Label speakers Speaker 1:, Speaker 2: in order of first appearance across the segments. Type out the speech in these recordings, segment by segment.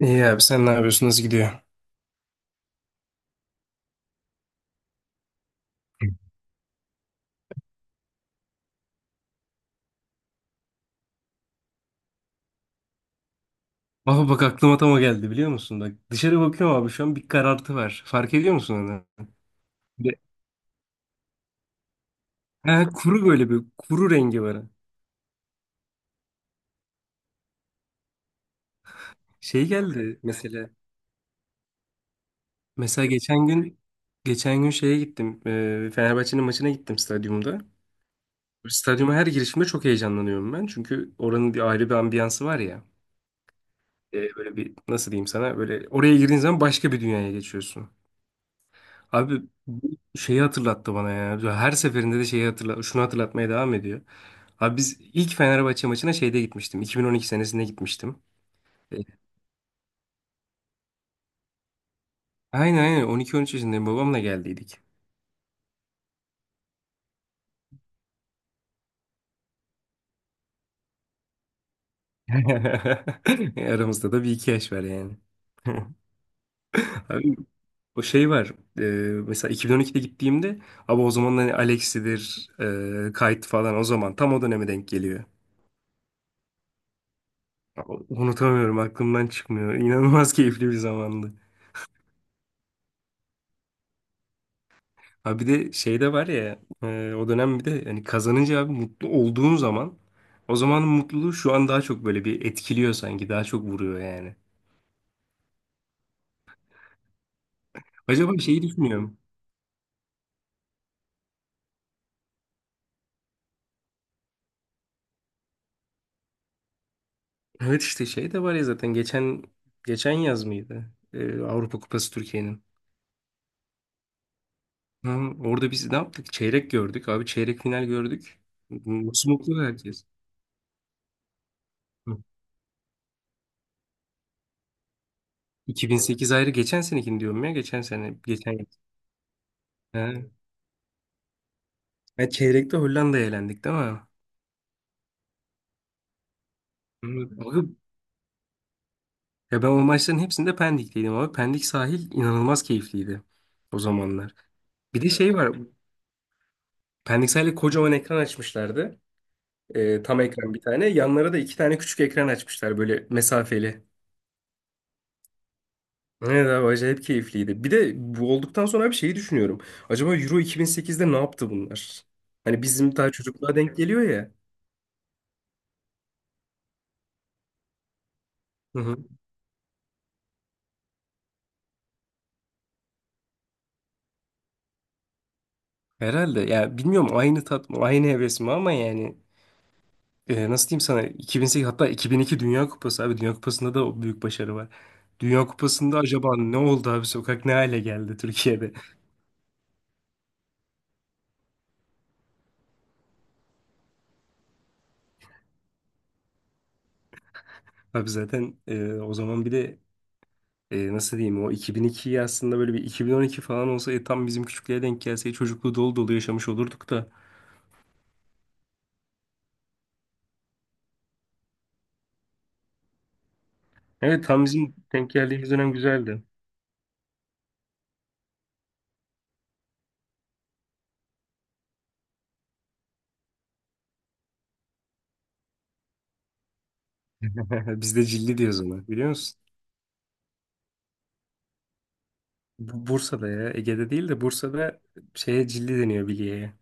Speaker 1: İyi abi sen ne yapıyorsun? Nasıl gidiyor? Baba bak aklıma tam o geldi biliyor musun? Bak dışarı bakıyorum abi şu an bir karartı var. Fark ediyor musun onu? Bir- Ha, kuru böyle bir kuru rengi var. Şey geldi mesela. Mesela geçen gün şeye gittim. Fenerbahçe'nin maçına gittim stadyumda. Stadyuma her girişimde çok heyecanlanıyorum ben. Çünkü oranın bir ayrı bir ambiyansı var ya. Böyle bir nasıl diyeyim sana böyle oraya girdiğin zaman başka bir dünyaya geçiyorsun. Abi bu şeyi hatırlattı bana ya. Her seferinde de şunu hatırlatmaya devam ediyor. Abi biz ilk Fenerbahçe maçına şeyde gitmiştim. 2012 senesinde gitmiştim. E, aynen 12-13 yaşındayım babamla geldiydik. Aramızda da bir iki yaş var yani. Abi o şey var. E, Mesela 2012'de gittiğimde abi o zaman hani Alex'idir, Kite falan o zaman tam o döneme denk geliyor. Unutamıyorum aklımdan çıkmıyor. İnanılmaz keyifli bir zamandı. Ha bir de şey de var ya o dönem bir de hani kazanınca abi mutlu olduğun zaman o zamanın mutluluğu şu an daha çok böyle bir etkiliyor sanki daha çok vuruyor yani. Acaba şeyi düşünüyorum. Evet işte şey de var ya zaten geçen yaz mıydı? Avrupa Kupası Türkiye'nin. Ha, orada biz ne yaptık? Çeyrek gördük abi çeyrek final gördük. Nasıl mutlu herkes? Hı. 2008 ayrı, geçen senekini diyorum ya, geçen sene, geçen yıl. Ha. Ha, çeyrekte Hollanda'ya elendik değil mi? Hı. Abi ya ben o maçların hepsinde Pendik'teydim abi. Pendik sahil inanılmaz keyifliydi o zamanlar. Bir de şey var. Pendik sahilde kocaman ekran açmışlardı. Tam ekran bir tane. Yanlara da iki tane küçük ekran açmışlar böyle mesafeli. Evet abi acayip keyifliydi. Bir de bu olduktan sonra bir şeyi düşünüyorum. Acaba Euro 2008'de ne yaptı bunlar? Hani bizim daha çocukluğa denk geliyor ya. Hı hı. Herhalde ya bilmiyorum, aynı tat mı aynı heves mi, ama yani nasıl diyeyim sana 2008, hatta 2002 Dünya Kupası, abi Dünya Kupası'nda da o büyük başarı var. Dünya Kupası'nda acaba ne oldu abi, sokak ne hale geldi Türkiye'de? Abi zaten o zaman bir de nasıl diyeyim, o 2002'yi aslında böyle bir 2012 falan olsa, tam bizim küçüklüğe denk gelse çocukluğu dolu dolu yaşamış olurduk da. Evet tam bizim denk geldiğimiz dönem güzeldi. Biz de cilli diyoruz ona biliyor musun? Bursa'da, ya Ege'de değil de Bursa'da şeye cilli deniyor, bilye'ye.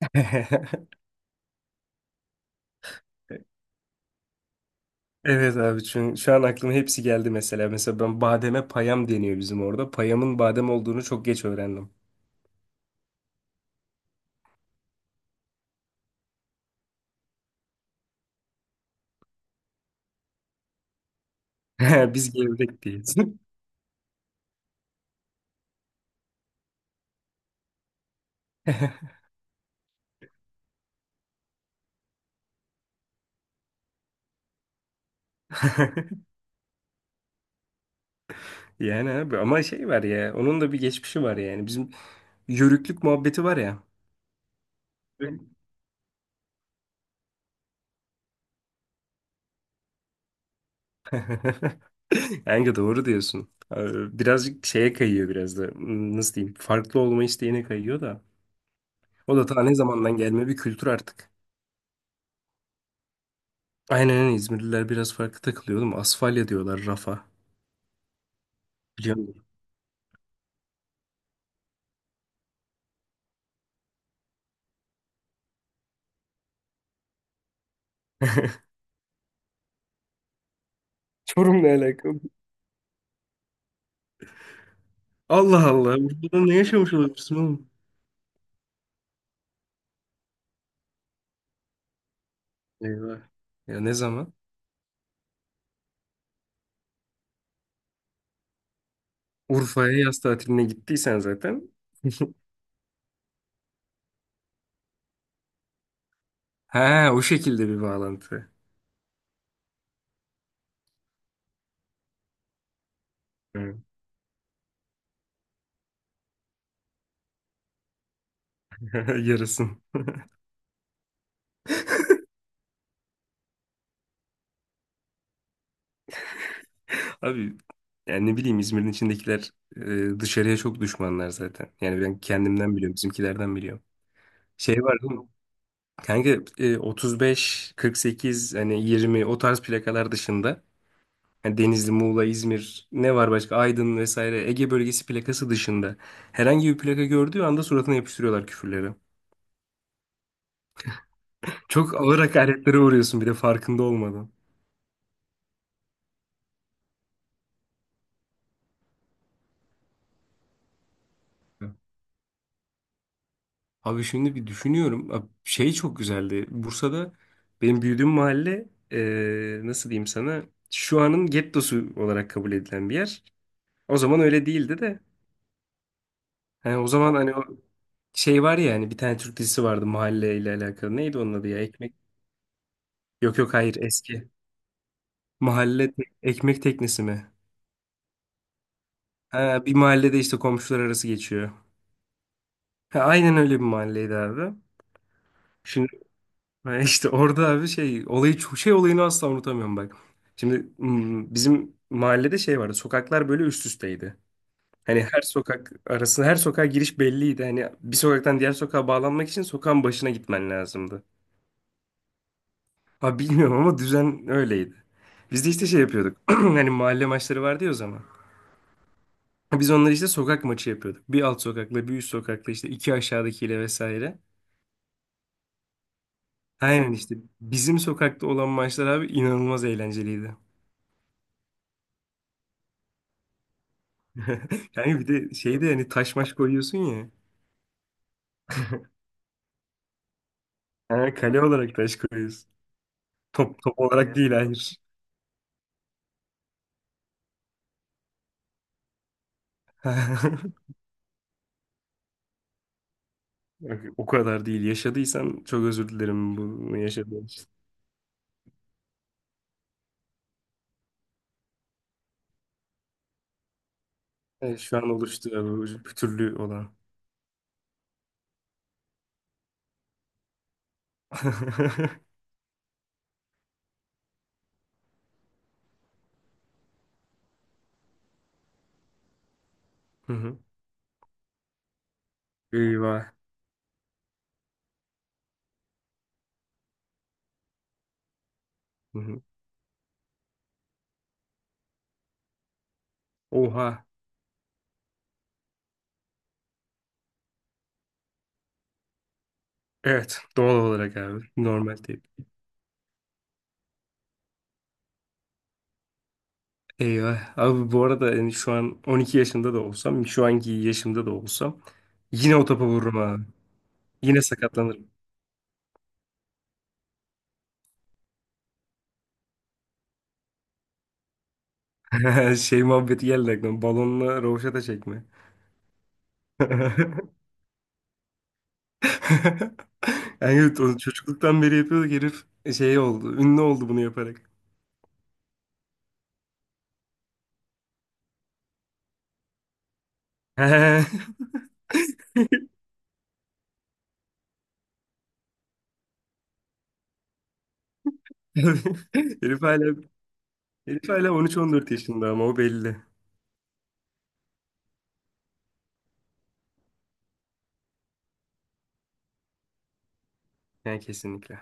Speaker 1: Evet abi çünkü şu an aklıma hepsi geldi mesela. Mesela ben, bademe payam deniyor bizim orada. Payamın badem olduğunu çok geç öğrendim. Biz gevrek diyeyiz. Yani abi ama şey var ya, onun da bir geçmişi var yani. Bizim yörüklük muhabbeti var ya. Evet. Kanka doğru diyorsun. Birazcık şeye kayıyor biraz da. Nasıl diyeyim? Farklı olma isteğine kayıyor da. O da ta ne zamandan gelme bir kültür artık. Aynen öyle, İzmirliler biraz farklı takılıyor oğlum. Asfalya diyorlar rafa. Biliyor musun? Çorum'la alakalı. Allah Allah. Urfa'da ne yaşamış olabilirsin oğlum? Eyvah. Ya ne zaman? Urfa'ya yaz tatiline gittiysen zaten. Ha, o şekilde bir bağlantı. Hı. Yarasın. Abi yani ne bileyim, İzmir'in içindekiler dışarıya çok düşmanlar zaten. Yani ben kendimden biliyorum, bizimkilerden biliyorum. Şey var değil mi? Kanka 35, 48, hani 20, o tarz plakalar dışında, yani Denizli, Muğla, İzmir ne var başka? Aydın vesaire, Ege bölgesi plakası dışında herhangi bir plaka gördüğü anda suratına yapıştırıyorlar küfürleri. Çok ağır hakaretlere uğruyorsun bir de farkında olmadan. Abi şimdi bir düşünüyorum. Abi şey çok güzeldi. Bursa'da benim büyüdüğüm mahalle, nasıl diyeyim sana, şu anın gettosu olarak kabul edilen bir yer. O zaman öyle değildi de. Yani o zaman hani o şey var ya, hani bir tane Türk dizisi vardı mahalle ile alakalı. Neydi onun adı ya? Ekmek. Yok yok hayır, eski. Ekmek teknesi mi? Ha, bir mahallede işte komşular arası geçiyor. Ha, aynen öyle bir mahalleydi abi. Şimdi ha, işte orada abi şey olayı çok şey olayını asla unutamıyorum bak. Şimdi bizim mahallede şey vardı. Sokaklar böyle üst üsteydi. Hani her sokak arası, her sokağa giriş belliydi. Hani bir sokaktan diğer sokağa bağlanmak için sokağın başına gitmen lazımdı. Ha bilmiyorum ama düzen öyleydi. Biz de işte şey yapıyorduk. Hani mahalle maçları vardı ya o zaman. Biz onları işte sokak maçı yapıyorduk. Bir alt sokakla, bir üst sokakla, işte iki aşağıdakiyle vesaire. Aynen işte bizim sokakta olan maçlar abi inanılmaz eğlenceliydi. Yani bir de şeyde, yani taş maç koyuyorsun ya. Ha, kale olarak taş koyuyorsun. Top, top olarak değil hayır. Yok, o kadar değil. Yaşadıysan çok özür dilerim bunu yaşadığın için. Evet, şu an oluştu ya bu bir türlü olan. Hı hı. Eyvah. Hı hı. Oha. Evet doğal olarak abi. Normal tepki. Eyvah. Abi bu arada yani şu an 12 yaşında da olsam, şu anki yaşımda da olsam yine o topa vururum abi. Yine sakatlanırım. Şey muhabbeti geldi aklıma. Balonla rovaşata çekme. Yani evet, onu çocukluktan beri yapıyorduk, herif şey oldu. Ünlü oldu bunu yaparak. Herif hala, Herif hala 13-14 yaşında ama o belli. Yani kesinlikle.